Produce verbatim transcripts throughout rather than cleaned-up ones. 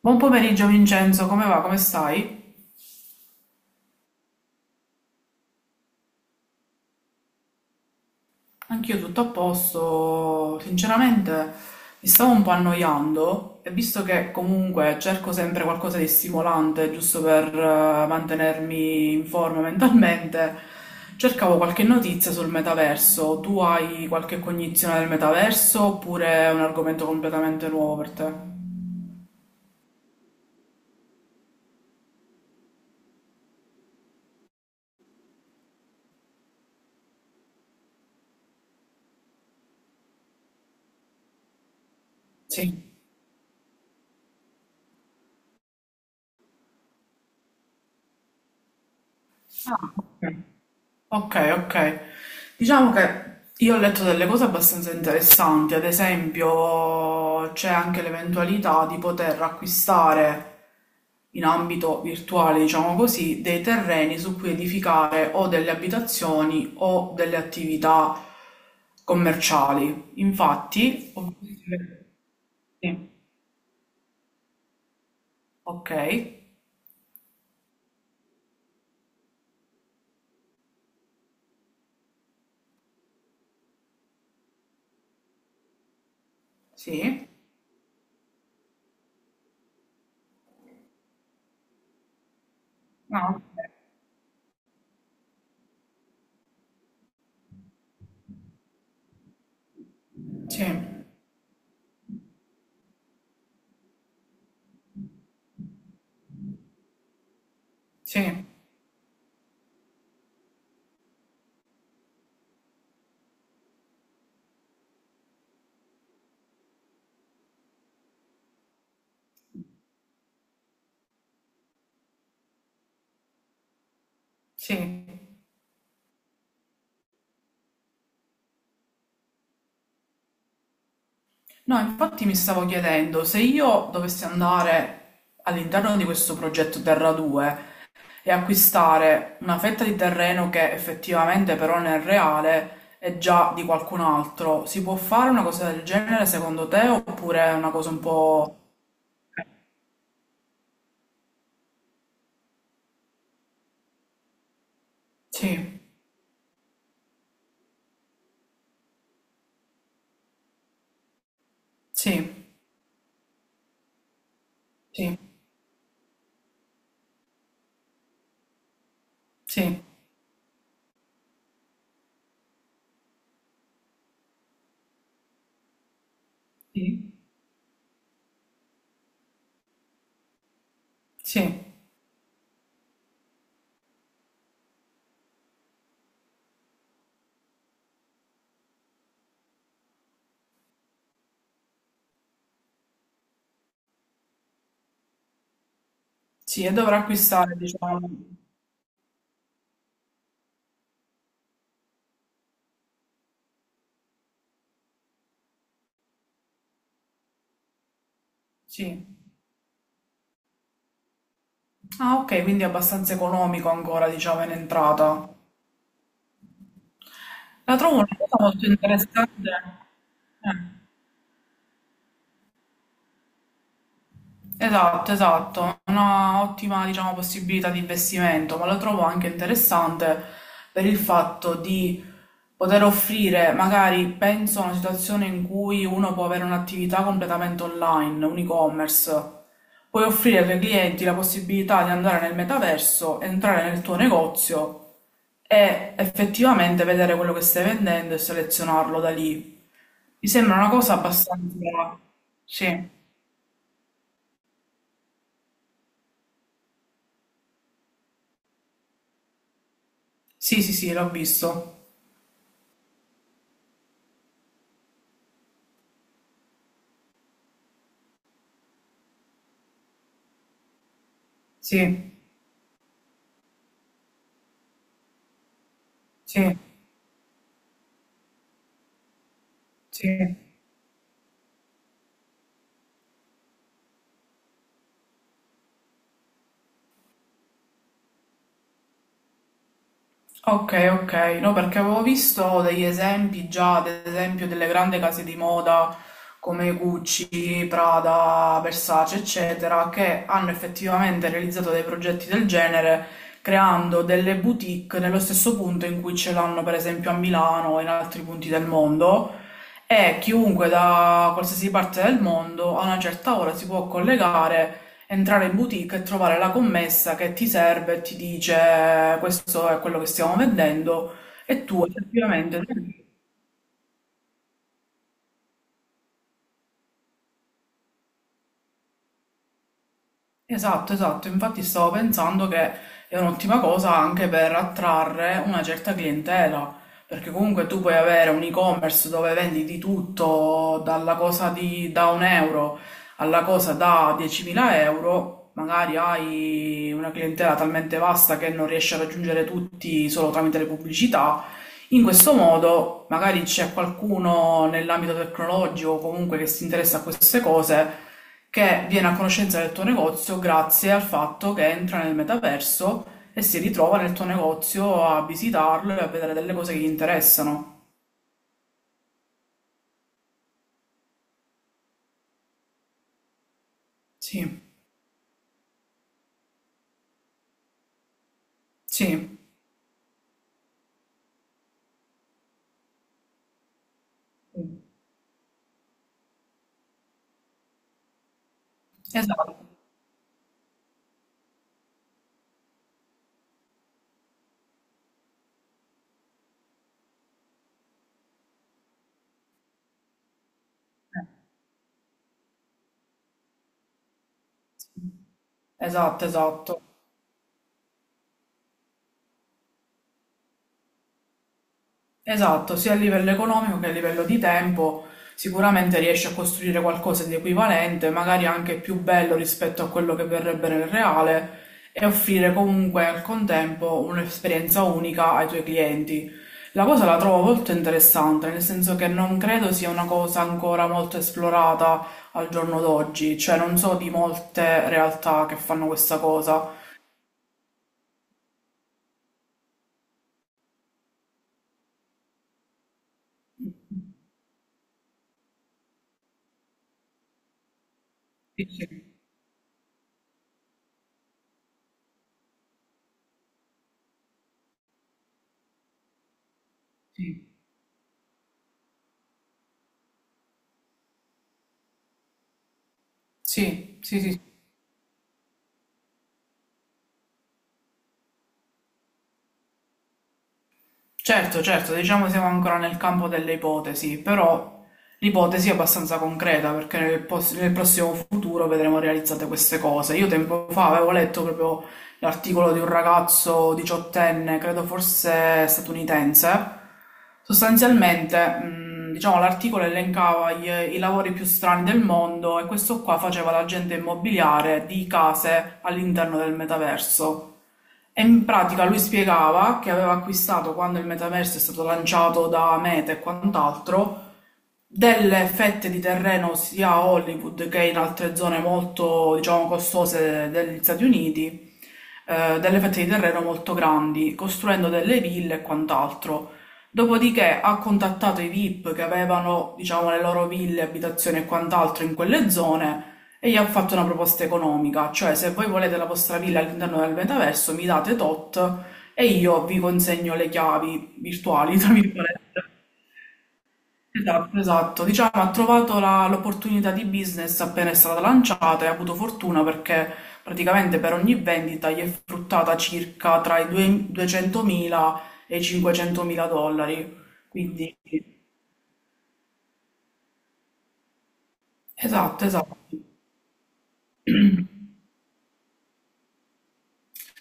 Buon pomeriggio Vincenzo, come va? Come stai? Anch'io tutto a posto, sinceramente mi stavo un po' annoiando e visto che comunque cerco sempre qualcosa di stimolante, giusto per eh, mantenermi in forma mentalmente, cercavo qualche notizia sul metaverso. Tu hai qualche cognizione del metaverso oppure è un argomento completamente nuovo per te? Sì. Ah, ok. Okay, okay. Diciamo che io ho letto delle cose abbastanza interessanti, ad esempio c'è anche l'eventualità di poter acquistare in ambito virtuale, diciamo così, dei terreni su cui edificare o delle abitazioni o delle attività commerciali. Infatti, ho visto le- sì, ok, sì, no, ok, sì, sì, sì. No, infatti mi stavo chiedendo se io dovessi andare all'interno di questo progetto Terra due e acquistare una fetta di terreno che effettivamente però nel reale è già di qualcun altro, si può fare una cosa del genere secondo te oppure è una cosa un po'... Sì, sì, sì, sì, sì, sì, sì, e dovrà acquistare, diciamo, sì. Ah, ok, quindi è abbastanza economico ancora, diciamo, in entrata. La trovo una cosa molto interessante. Eh, Esatto, esatto, una ottima, diciamo, possibilità di investimento, ma lo trovo anche interessante per il fatto di poter offrire, magari penso a una situazione in cui uno può avere un'attività completamente online, un e-commerce, puoi offrire ai tuoi clienti la possibilità di andare nel metaverso, entrare nel tuo negozio e effettivamente vedere quello che stai vendendo e selezionarlo da lì. Mi sembra una cosa abbastanza... Sì. Sì, sì, sì, l'ho visto. Sì, sì, sì. Ok, ok. No, perché avevo visto degli esempi già, ad esempio, delle grandi case di moda come Gucci, Prada, Versace, eccetera, che hanno effettivamente realizzato dei progetti del genere creando delle boutique nello stesso punto in cui ce l'hanno, per esempio, a Milano e in altri punti del mondo. E chiunque da qualsiasi parte del mondo a una certa ora si può collegare, entrare in boutique e trovare la commessa che ti serve e ti dice questo è quello che stiamo vendendo e tu effettivamente... Esatto, esatto, infatti stavo pensando che è un'ottima cosa anche per attrarre una certa clientela, perché comunque tu puoi avere un e-commerce dove vendi di tutto, dalla cosa di, da un euro alla cosa da diecimila euro, magari hai una clientela talmente vasta che non riesci a raggiungere tutti solo tramite le pubblicità, in questo modo, magari c'è qualcuno nell'ambito tecnologico o comunque che si interessa a queste cose che viene a conoscenza del tuo negozio grazie al fatto che entra nel metaverso e si ritrova nel tuo negozio a visitarlo e a vedere delle cose che gli interessano. Sì, sì, esatto. Eh, sì. Esatto, esatto. Esatto, sia a livello economico che a livello di tempo, sicuramente riesci a costruire qualcosa di equivalente, magari anche più bello rispetto a quello che verrebbe nel reale, e offrire comunque al contempo un'esperienza unica ai tuoi clienti. La cosa la trovo molto interessante, nel senso che non credo sia una cosa ancora molto esplorata al giorno d'oggi, cioè non so di molte realtà che fanno questa cosa. Sì, sì, sì, sì, sì. Certo, certo, diciamo siamo ancora nel campo delle ipotesi, però l'ipotesi è abbastanza concreta perché nel, pos- nel prossimo futuro vedremo realizzate queste cose. Io tempo fa avevo letto proprio l'articolo di un ragazzo diciottenne, credo forse statunitense. Sostanzialmente, mh, diciamo, l'articolo elencava gli- i lavori più strani del mondo e questo qua faceva l'agente immobiliare di case all'interno del metaverso. E in pratica lui spiegava che aveva acquistato quando il metaverso è stato lanciato da Meta e quant'altro, delle fette di terreno sia a Hollywood che in altre zone molto, diciamo, costose degli Stati Uniti, eh, delle fette di terreno molto grandi, costruendo delle ville e quant'altro. Dopodiché ha contattato i V I P che avevano, diciamo, le loro ville, abitazioni e quant'altro in quelle zone e gli ha fatto una proposta economica, cioè se voi volete la vostra villa all'interno del metaverso mi date tot e io vi consegno le chiavi virtuali, tra virgolette. Esatto, esatto. Diciamo, ha trovato la- l'opportunità di business appena è stata lanciata e ha avuto fortuna perché praticamente per ogni vendita gli è fruttata circa tra i due- duecentomila e i cinquecentomila dollari. Quindi, esatto, esatto.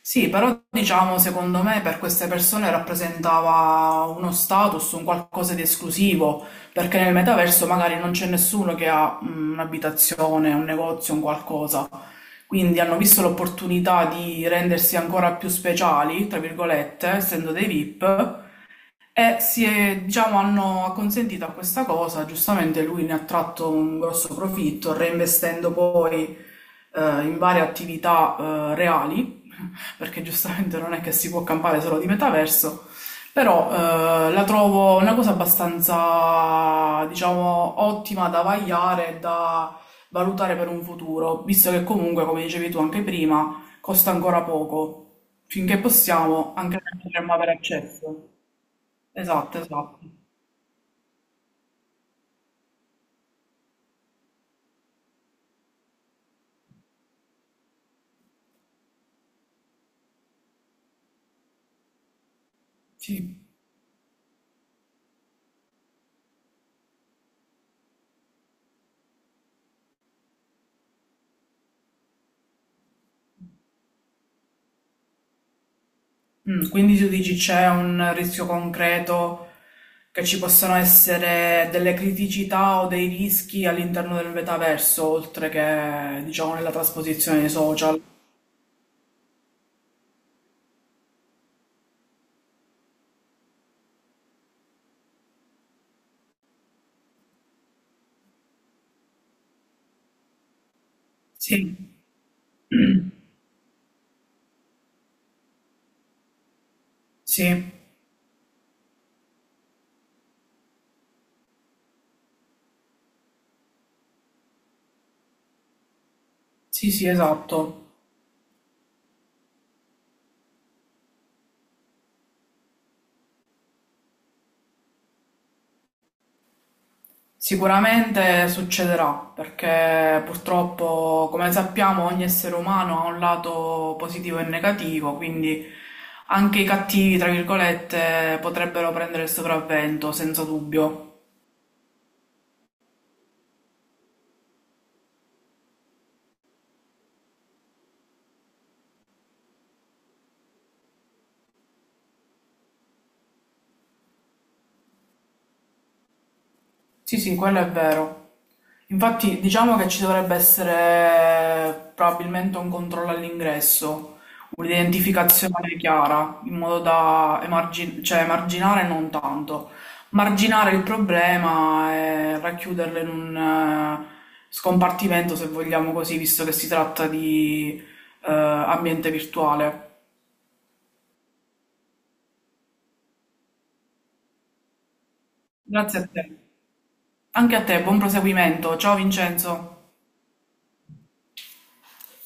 Sì, però diciamo, secondo me per queste persone rappresentava uno status, un qualcosa di esclusivo, perché nel metaverso magari non c'è nessuno che ha mm, un'abitazione, un negozio, un qualcosa. Quindi hanno visto l'opportunità di rendersi ancora più speciali, tra virgolette, essendo dei V I P, e si è- diciamo, hanno acconsentito a questa cosa. Giustamente lui ne ha tratto un grosso profitto, reinvestendo poi eh, in varie attività eh, reali, perché giustamente non è che si può campare solo di metaverso, però eh, la trovo una cosa abbastanza, diciamo, ottima da vagliare e da valutare per un futuro, visto che comunque, come dicevi tu anche prima, costa ancora poco. Finché possiamo, anche noi potremmo avere accesso. Esatto, esatto. Sì. Mh, quindi tu dici c'è un rischio concreto che ci possano essere delle criticità o dei rischi all'interno del metaverso, oltre che, diciamo, nella trasposizione dei social. Sì, sì, sì, sì, esatto. Sicuramente succederà, perché purtroppo, come sappiamo, ogni essere umano ha un lato positivo e negativo, quindi anche i cattivi, tra virgolette, potrebbero prendere il sopravvento, senza dubbio. Sì, sì, quello è vero. Infatti, diciamo che ci dovrebbe essere probabilmente un controllo all'ingresso, un'identificazione chiara, in modo da emargi- cioè, emarginare non tanto, marginare il problema e racchiuderlo in un eh, scompartimento, se vogliamo così, visto che si tratta di eh, ambiente virtuale. Grazie a te. Anche a te, buon proseguimento. Ciao Vincenzo.